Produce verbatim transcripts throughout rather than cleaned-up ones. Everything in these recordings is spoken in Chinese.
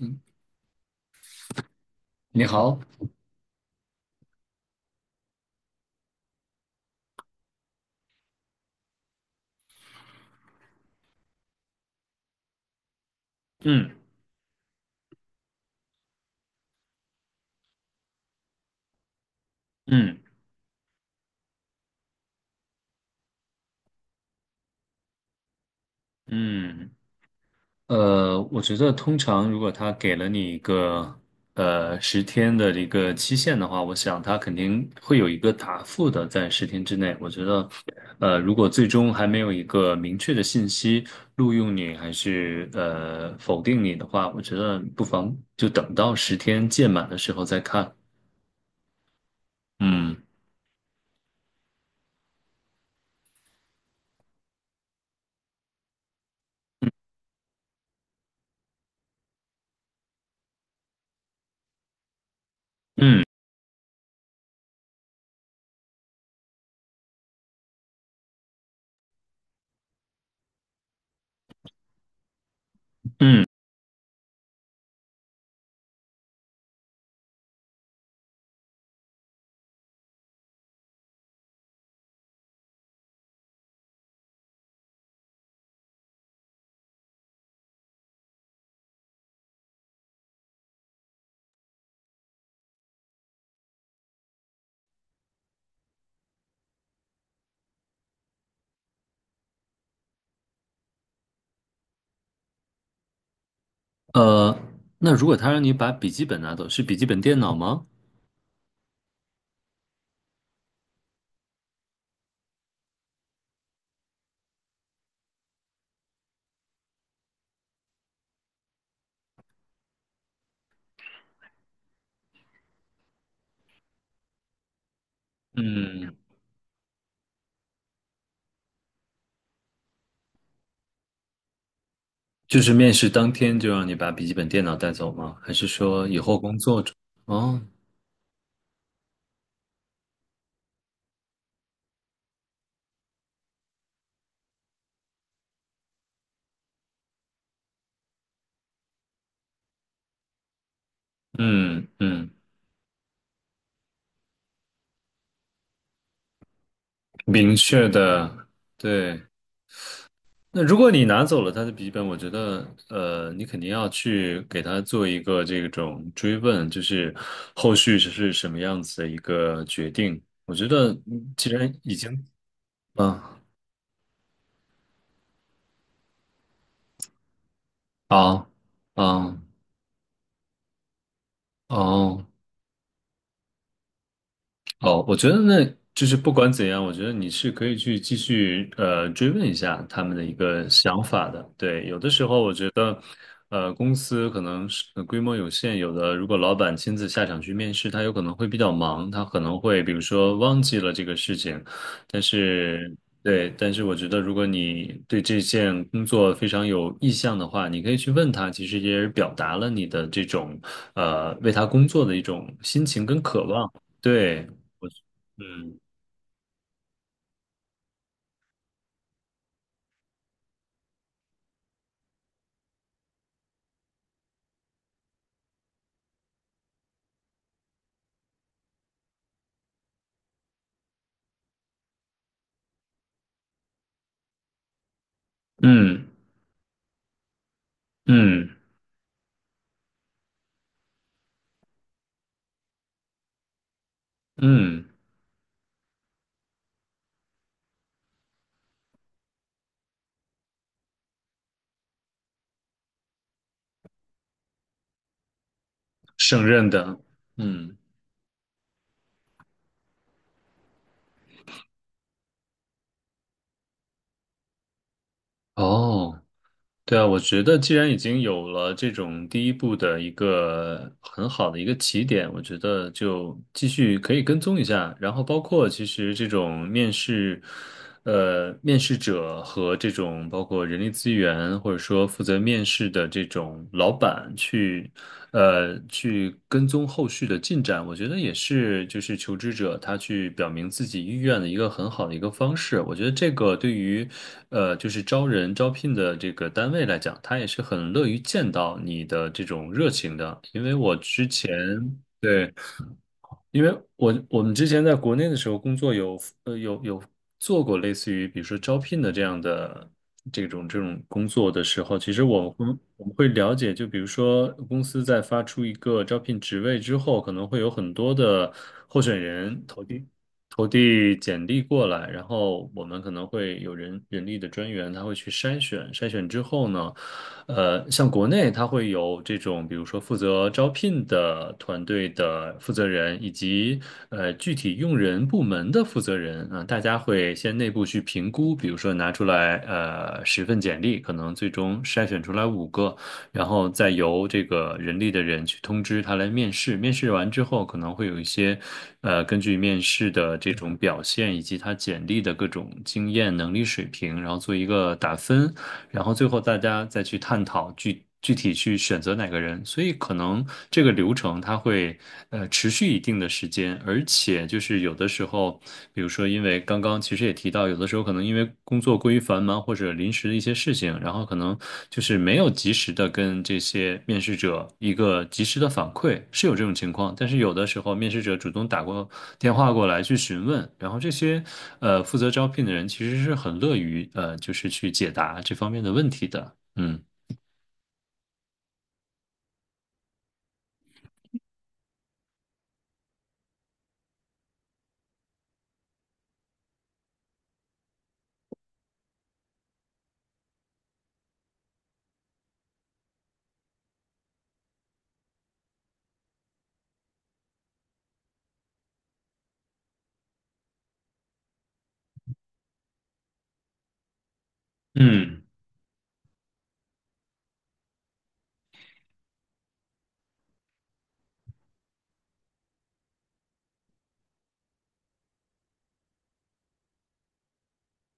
嗯，你好，嗯嗯嗯，呃，我觉得通常如果他给了你一个呃十天的一个期限的话，我想他肯定会有一个答复的，在十天之内。我觉得，呃，如果最终还没有一个明确的信息录用你还是呃否定你的话，我觉得不妨就等到十天届满的时候再看。嗯嗯嗯，呃，那如果他让你把笔记本拿走，是笔记本电脑吗？嗯。就是面试当天就让你把笔记本电脑带走吗？还是说以后工作中？哦，嗯嗯，明确的，对。那如果你拿走了他的笔记本，我觉得，呃，你肯定要去给他做一个这种追问，就是后续是什么样子的一个决定。我觉得，嗯既然已经，嗯，好，嗯，哦。哦，我觉得那就是不管怎样，我觉得你是可以去继续呃追问一下他们的一个想法的。对，有的时候我觉得，呃，公司可能是呃规模有限，有的如果老板亲自下场去面试，他有可能会比较忙，他可能会比如说忘记了这个事情。但是，对，但是我觉得如果你对这件工作非常有意向的话，你可以去问他，其实也是表达了你的这种呃为他工作的一种心情跟渴望。对，嗯嗯嗯嗯，胜任的，嗯，哦，对啊，我觉得既然已经有了这种第一步的一个很好的一个起点，我觉得就继续可以跟踪一下，然后包括其实这种面试。呃，面试者和这种包括人力资源或者说负责面试的这种老板去，呃，去跟踪后续的进展，我觉得也是就是求职者他去表明自己意愿的一个很好的一个方式。我觉得这个对于，呃，就是招人招聘的这个单位来讲，他也是很乐于见到你的这种热情的，因为我之前。对。因为我我们之前在国内的时候工作有呃有有做过类似于比如说招聘的这样的这种这种工作的时候，其实我们我们会了解，就比如说公司在发出一个招聘职位之后，可能会有很多的候选人投递投递简历过来，然后我们可能会有人人力的专员，他会去筛选，筛选之后呢。呃，像国内它会有这种，比如说负责招聘的团队的负责人，以及呃具体用人部门的负责人啊，大家会先内部去评估，比如说拿出来呃十份简历，可能最终筛选出来五个，然后再由这个人力的人去通知他来面试。面试完之后，可能会有一些呃根据面试的这种表现以及他简历的各种经验能力水平，然后做一个打分。然后最后大家再去探讨具具体去选择哪个人，所以可能这个流程它会呃持续一定的时间，而且就是有的时候，比如说因为刚刚其实也提到，有的时候可能因为工作过于繁忙或者临时的一些事情，然后。可能就是没有及时的跟这些面试者一个及时的反馈，是有这种情况。但是有的时候，面试者主动打过电话过来去询问，然后这些呃负责招聘的人其实是很乐于呃就是去解答这方面的问题的。嗯嗯。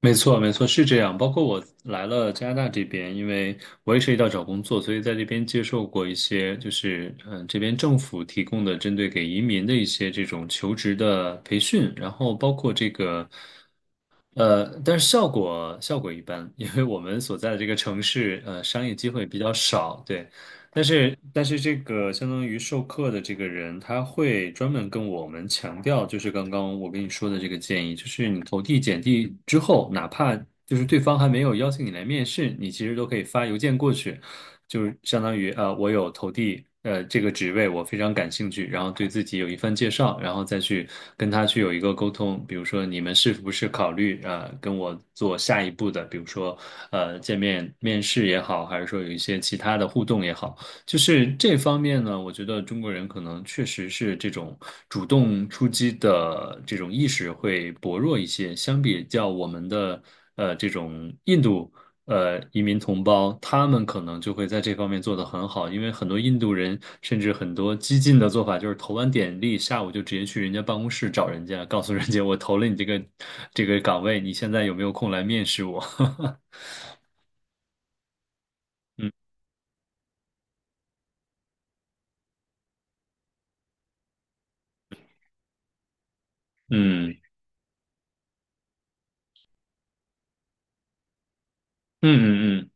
没错，没错，是这样。包括我来了加拿大这边，因为我也涉及到找工作，所以在这边接受过一些，就是嗯，这边政府提供的针对给移民的一些这种求职的培训，然后包括这个。呃，但是效果效果一般，因为我们所在的这个城市，呃，商业机会比较少，对。但是但是这个相当于授课的这个人，他会专门跟我们强调，就是刚刚我跟你说的这个建议，就是你投递简历之后，哪怕就是对方还没有邀请你来面试，你其实都可以发邮件过去，就是相当于呃，我有投递呃这个职位，我非常感兴趣，然后对自己有一番介绍，然后再去跟他去有一个沟通，比如说你们是不是考虑呃跟我做下一步的，比如说呃见面面试也好，还是说有一些其他的互动也好。就是这方面呢，我觉得中国人可能确实是这种主动出击的这种意识会薄弱一些，相比较我们的呃这种印度呃移民同胞，他们可能就会在这方面做得很好，因为很多印度人甚至很多激进的做法就是投完简历，下午就直接去人家办公室找人家，告诉人家我投了你这个这个岗位，你现在有没有空来面试我？嗯嗯嗯嗯嗯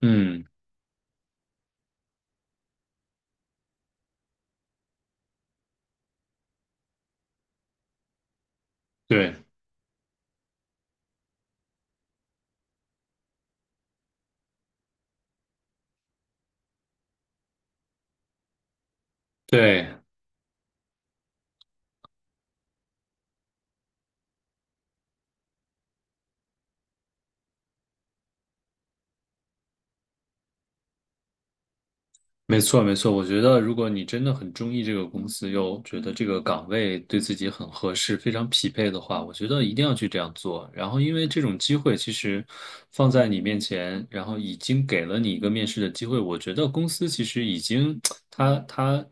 嗯，对对。没错，没错。我觉得，如果你真的很中意这个公司，又觉得这个岗位对自己很合适、非常匹配的话，我觉得一定要去这样做。然后，因为这种机会其实放在你面前，然后已经给了你一个面试的机会，我觉得公司其实已经，他他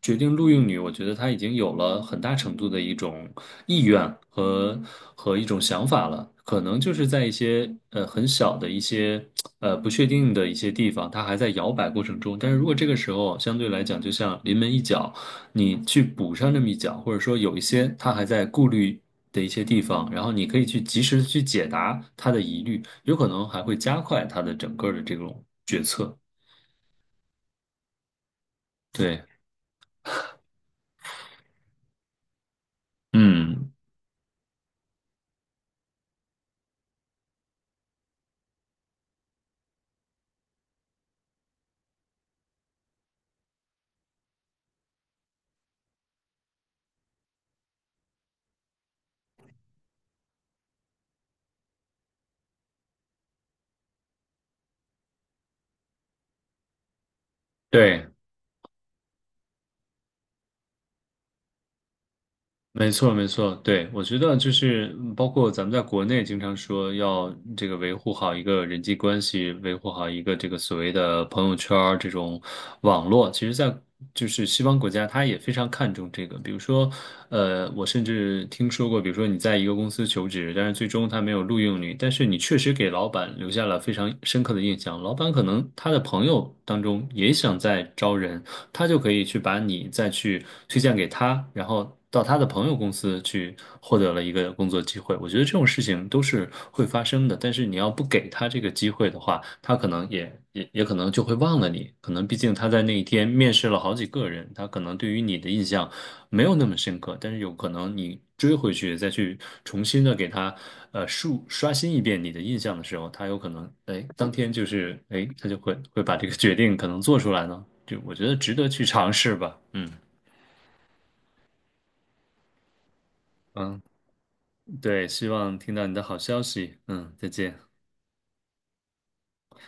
决定录用你，我觉得他已经有了很大程度的一种意愿和和一种想法了。可能就是在一些呃很小的一些。呃不确定的一些地方，它还在摇摆过程中。但是如果这个时候相对来讲，就像临门一脚，你去补上这么一脚，或者说有一些它还在顾虑的一些地方，然后你可以去及时的去解答他的疑虑，有可能还会加快它的整个的这种决策。对，嗯，对。没错，没错，对，我觉得就是嗯包括咱们在国内经常说要这个维护好一个人际关系，维护好一个这个所谓的朋友圈儿这种网络，其实在就是西方国家，他也非常看重这个。比如说，呃，我甚至听说过，比如说你在一个公司求职，但是最终他没有录用你，但是你确实给老板留下了非常深刻的印象，老板可能他的朋友当中也想再招人。他就可以去把你再去推荐给他，然后到他的朋友公司去获得了一个工作机会。我觉得这种事情都是会发生的，但是你要不给他这个机会的话，他可能也也也可能就会忘了你。可能毕竟他在那一天面试了好几个人，他可能对于你的印象没有那么深刻，但是有可能你追回去再去重新的给他呃述刷新一遍你的印象的时候，他有可能哎当天就是哎他就会会把这个决定可能做出来呢，就我觉得值得去尝试吧，嗯嗯，对，希望听到你的好消息，嗯，再见。